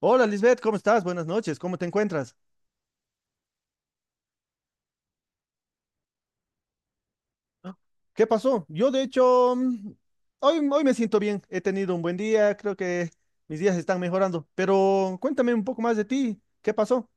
Hola Lisbeth, ¿cómo estás? Buenas noches, ¿cómo te encuentras? Ah, ¿qué pasó? Yo de hecho, hoy me siento bien, he tenido un buen día, creo que mis días están mejorando, pero cuéntame un poco más de ti, ¿qué pasó?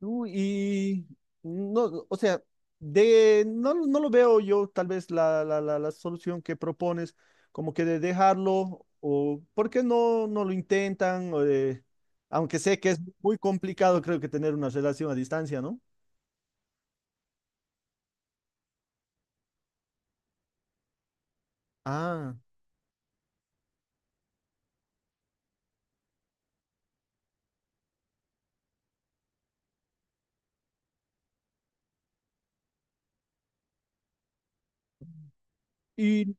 No, y no, o sea, de no, no lo veo yo tal vez la, la solución que propones, como que de dejarlo, o por qué no, no lo intentan, aunque sé que es muy complicado, creo que tener una relación a distancia, ¿no? Ah, y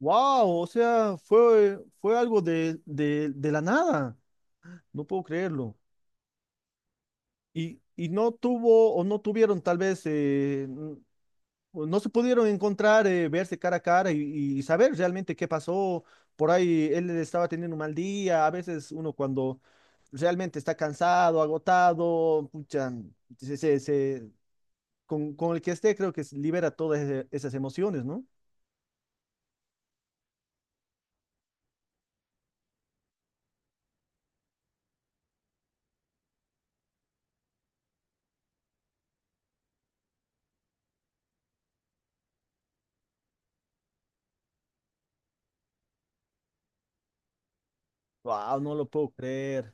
wow, o sea, fue algo de, de la nada, no puedo creerlo. Y no tuvo o no tuvieron tal vez, no se pudieron encontrar, verse cara a cara y saber realmente qué pasó. Por ahí él estaba teniendo un mal día. A veces uno cuando realmente está cansado, agotado, pucha, se, se- se- con el que esté creo que se libera todas esas emociones, ¿no? Wow, no lo puedo creer.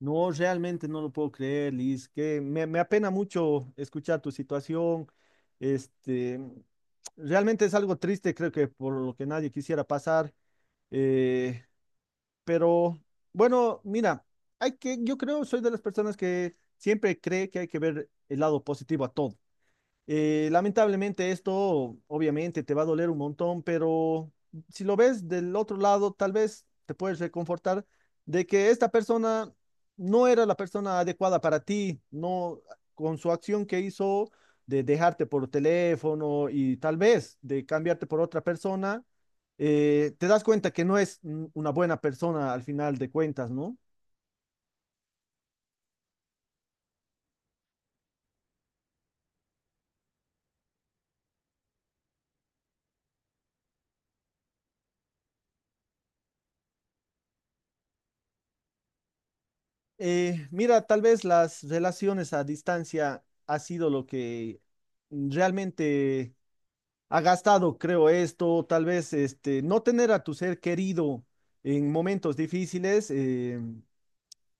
No, realmente no lo puedo creer, Liz. Que me apena mucho escuchar tu situación. Este, realmente es algo triste, creo que por lo que nadie quisiera pasar. Eh, Pero bueno, mira, hay que, yo creo, soy de las personas que siempre cree que hay que ver el lado positivo a todo. Lamentablemente esto obviamente te va a doler un montón, pero si lo ves del otro lado, tal vez te puedes reconfortar de que esta persona no era la persona adecuada para ti, no con su acción que hizo de dejarte por teléfono y tal vez de cambiarte por otra persona, te das cuenta que no es una buena persona al final de cuentas, ¿no? Mira, tal vez las relaciones a distancia ha sido lo que realmente ha gastado, creo esto, tal vez este, no tener a tu ser querido en momentos difíciles.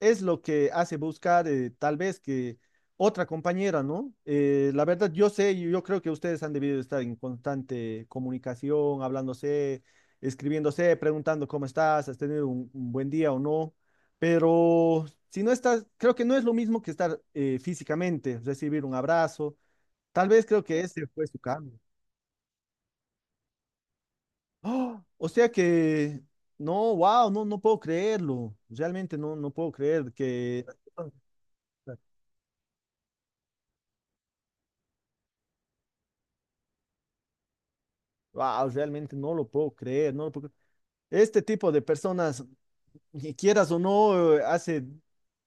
Es lo que hace buscar tal vez que otra compañera, ¿no? La verdad, yo sé, y yo creo que ustedes han debido estar en constante comunicación, hablándose, escribiéndose, preguntando cómo estás, has tenido un buen día o no, pero si no estás, creo que no es lo mismo que estar físicamente, recibir un abrazo, tal vez creo que ese fue su cambio. ¡Oh! O sea que, no, wow, no, no puedo creerlo, realmente no, no puedo creer que... Wow, realmente no lo puedo creer, no lo puedo creer. Este tipo de personas y quieras o no, hace,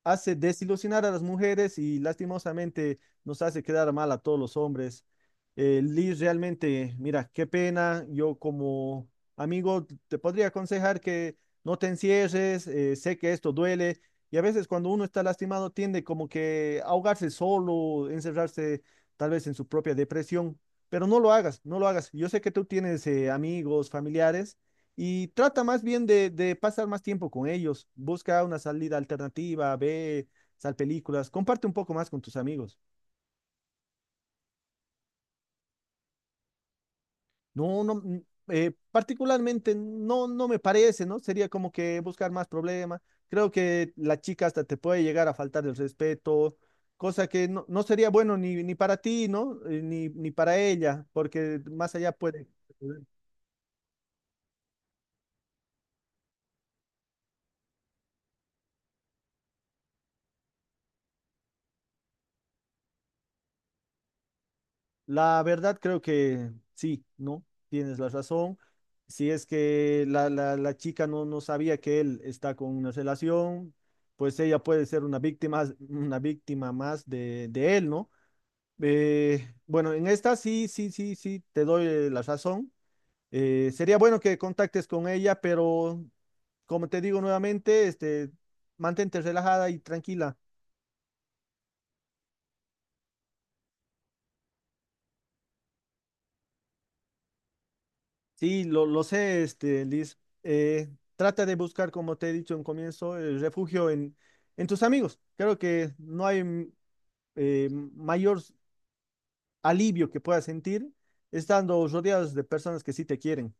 hace desilusionar a las mujeres y lastimosamente nos hace quedar mal a todos los hombres. Liz, realmente, mira, qué pena. Yo como amigo te podría aconsejar que no te encierres. Sé que esto duele y a veces cuando uno está lastimado tiende como que a ahogarse solo, encerrarse tal vez en su propia depresión. Pero no lo hagas, no lo hagas. Yo sé que tú tienes amigos, familiares y trata más bien de pasar más tiempo con ellos. Busca una salida alternativa, ve, sal películas, comparte un poco más con tus amigos. No, no, particularmente no, no me parece, ¿no? Sería como que buscar más problemas. Creo que la chica hasta te puede llegar a faltar el respeto, cosa que no, no sería bueno ni, ni para ti, ¿no? Ni, ni para ella, porque más allá puede. La verdad creo que sí, ¿no? Tienes la razón. Si es que la, la chica no, no sabía que él está con una relación, pues ella puede ser una víctima más de él, ¿no? Bueno, en esta sí, sí, sí, sí, te doy la razón. Sería bueno que contactes con ella, pero como te digo nuevamente, este, mantente relajada y tranquila. Sí, lo sé, este, Liz. Trata de buscar, como te he dicho en comienzo, el refugio en tus amigos. Creo que no hay eh, mayor alivio que puedas sentir estando rodeados de personas que sí te quieren.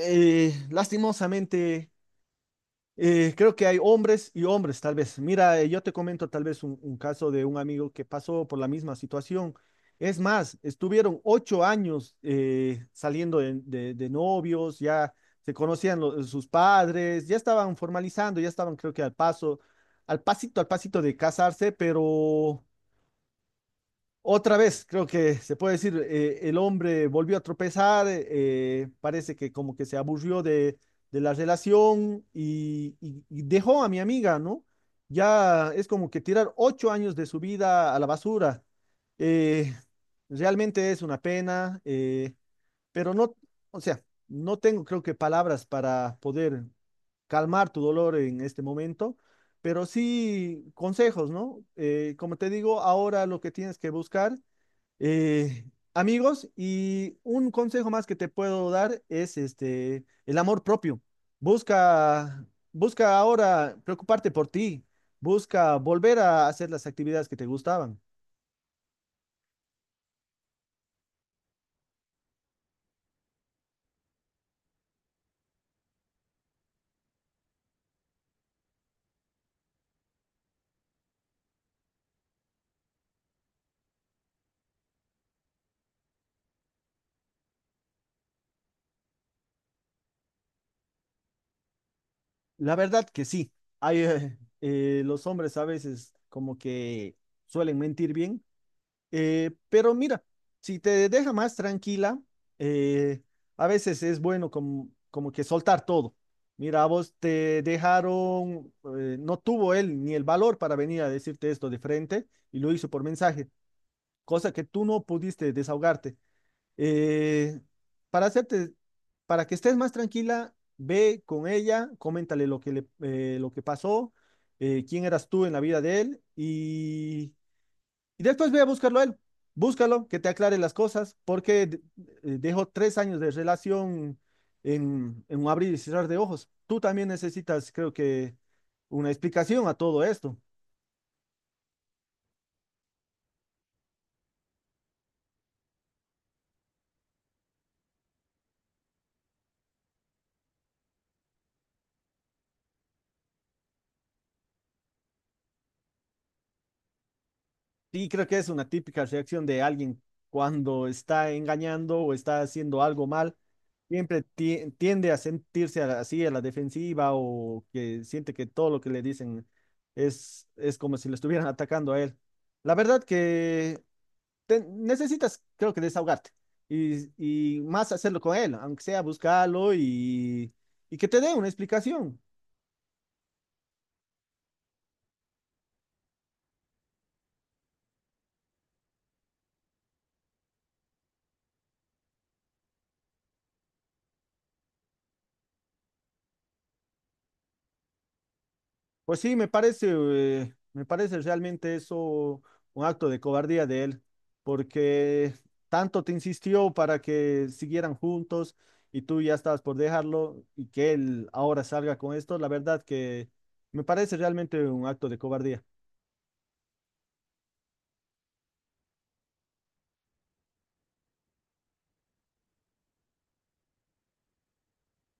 Lastimosamente. Creo que hay hombres y hombres, tal vez. Mira, yo te comento tal vez un caso de un amigo que pasó por la misma situación. Es más, estuvieron 8 años saliendo de, de novios, ya se conocían sus padres, ya estaban formalizando, ya estaban creo que al paso, al pasito de casarse, pero otra vez, creo que se puede decir, el hombre volvió a tropezar, parece que como que se aburrió de la relación y, y dejó a mi amiga, ¿no? Ya es como que tirar 8 años de su vida a la basura. Eh, realmente es una pena, pero no, o sea, no tengo creo que palabras para poder calmar tu dolor en este momento. Pero sí consejos, ¿no? Como te digo, ahora lo que tienes que buscar eh, amigos, y un consejo más que te puedo dar es este, el amor propio. Busca, busca ahora preocuparte por ti, busca volver a hacer las actividades que te gustaban. La verdad que sí, hay, los hombres a veces como que suelen mentir bien. Pero mira, si te deja más tranquila, eh, a veces es bueno como, como que soltar todo. Mira, a vos te dejaron, no tuvo él ni el valor para venir a decirte esto de frente y lo hizo por mensaje, cosa que tú no pudiste desahogarte. Eh, para hacerte, para que estés más tranquila, ve con ella, coméntale lo que le, lo que pasó, quién eras tú en la vida de él y después voy a buscarlo a él. Búscalo, que te aclare las cosas, porque dejó 3 años de relación en un abrir y cerrar de ojos. Tú también necesitas, creo que, una explicación a todo esto. Sí, creo que es una típica reacción de alguien cuando está engañando o está haciendo algo mal. Siempre tiende a sentirse así a la defensiva o que siente que todo lo que le dicen es como si le estuvieran atacando a él. La verdad que necesitas, creo que, desahogarte y más hacerlo con él, aunque sea buscarlo y que te dé una explicación. Pues sí, me parece realmente eso un acto de cobardía de él, porque tanto te insistió para que siguieran juntos y tú ya estabas por dejarlo y que él ahora salga con esto, la verdad que me parece realmente un acto de cobardía.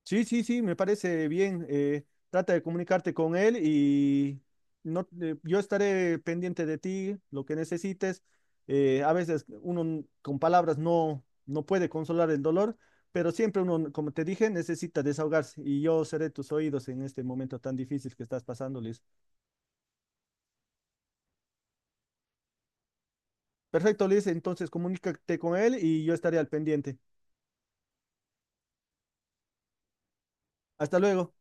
Sí, sí, sí, me parece bien. Trata de comunicarte con él y no, yo estaré pendiente de ti, lo que necesites. A veces uno con palabras no, no puede consolar el dolor, pero siempre uno, como te dije, necesita desahogarse y yo seré tus oídos en este momento tan difícil que estás pasando, Liz. Perfecto, Liz, entonces comunícate con él y yo estaré al pendiente. Hasta luego.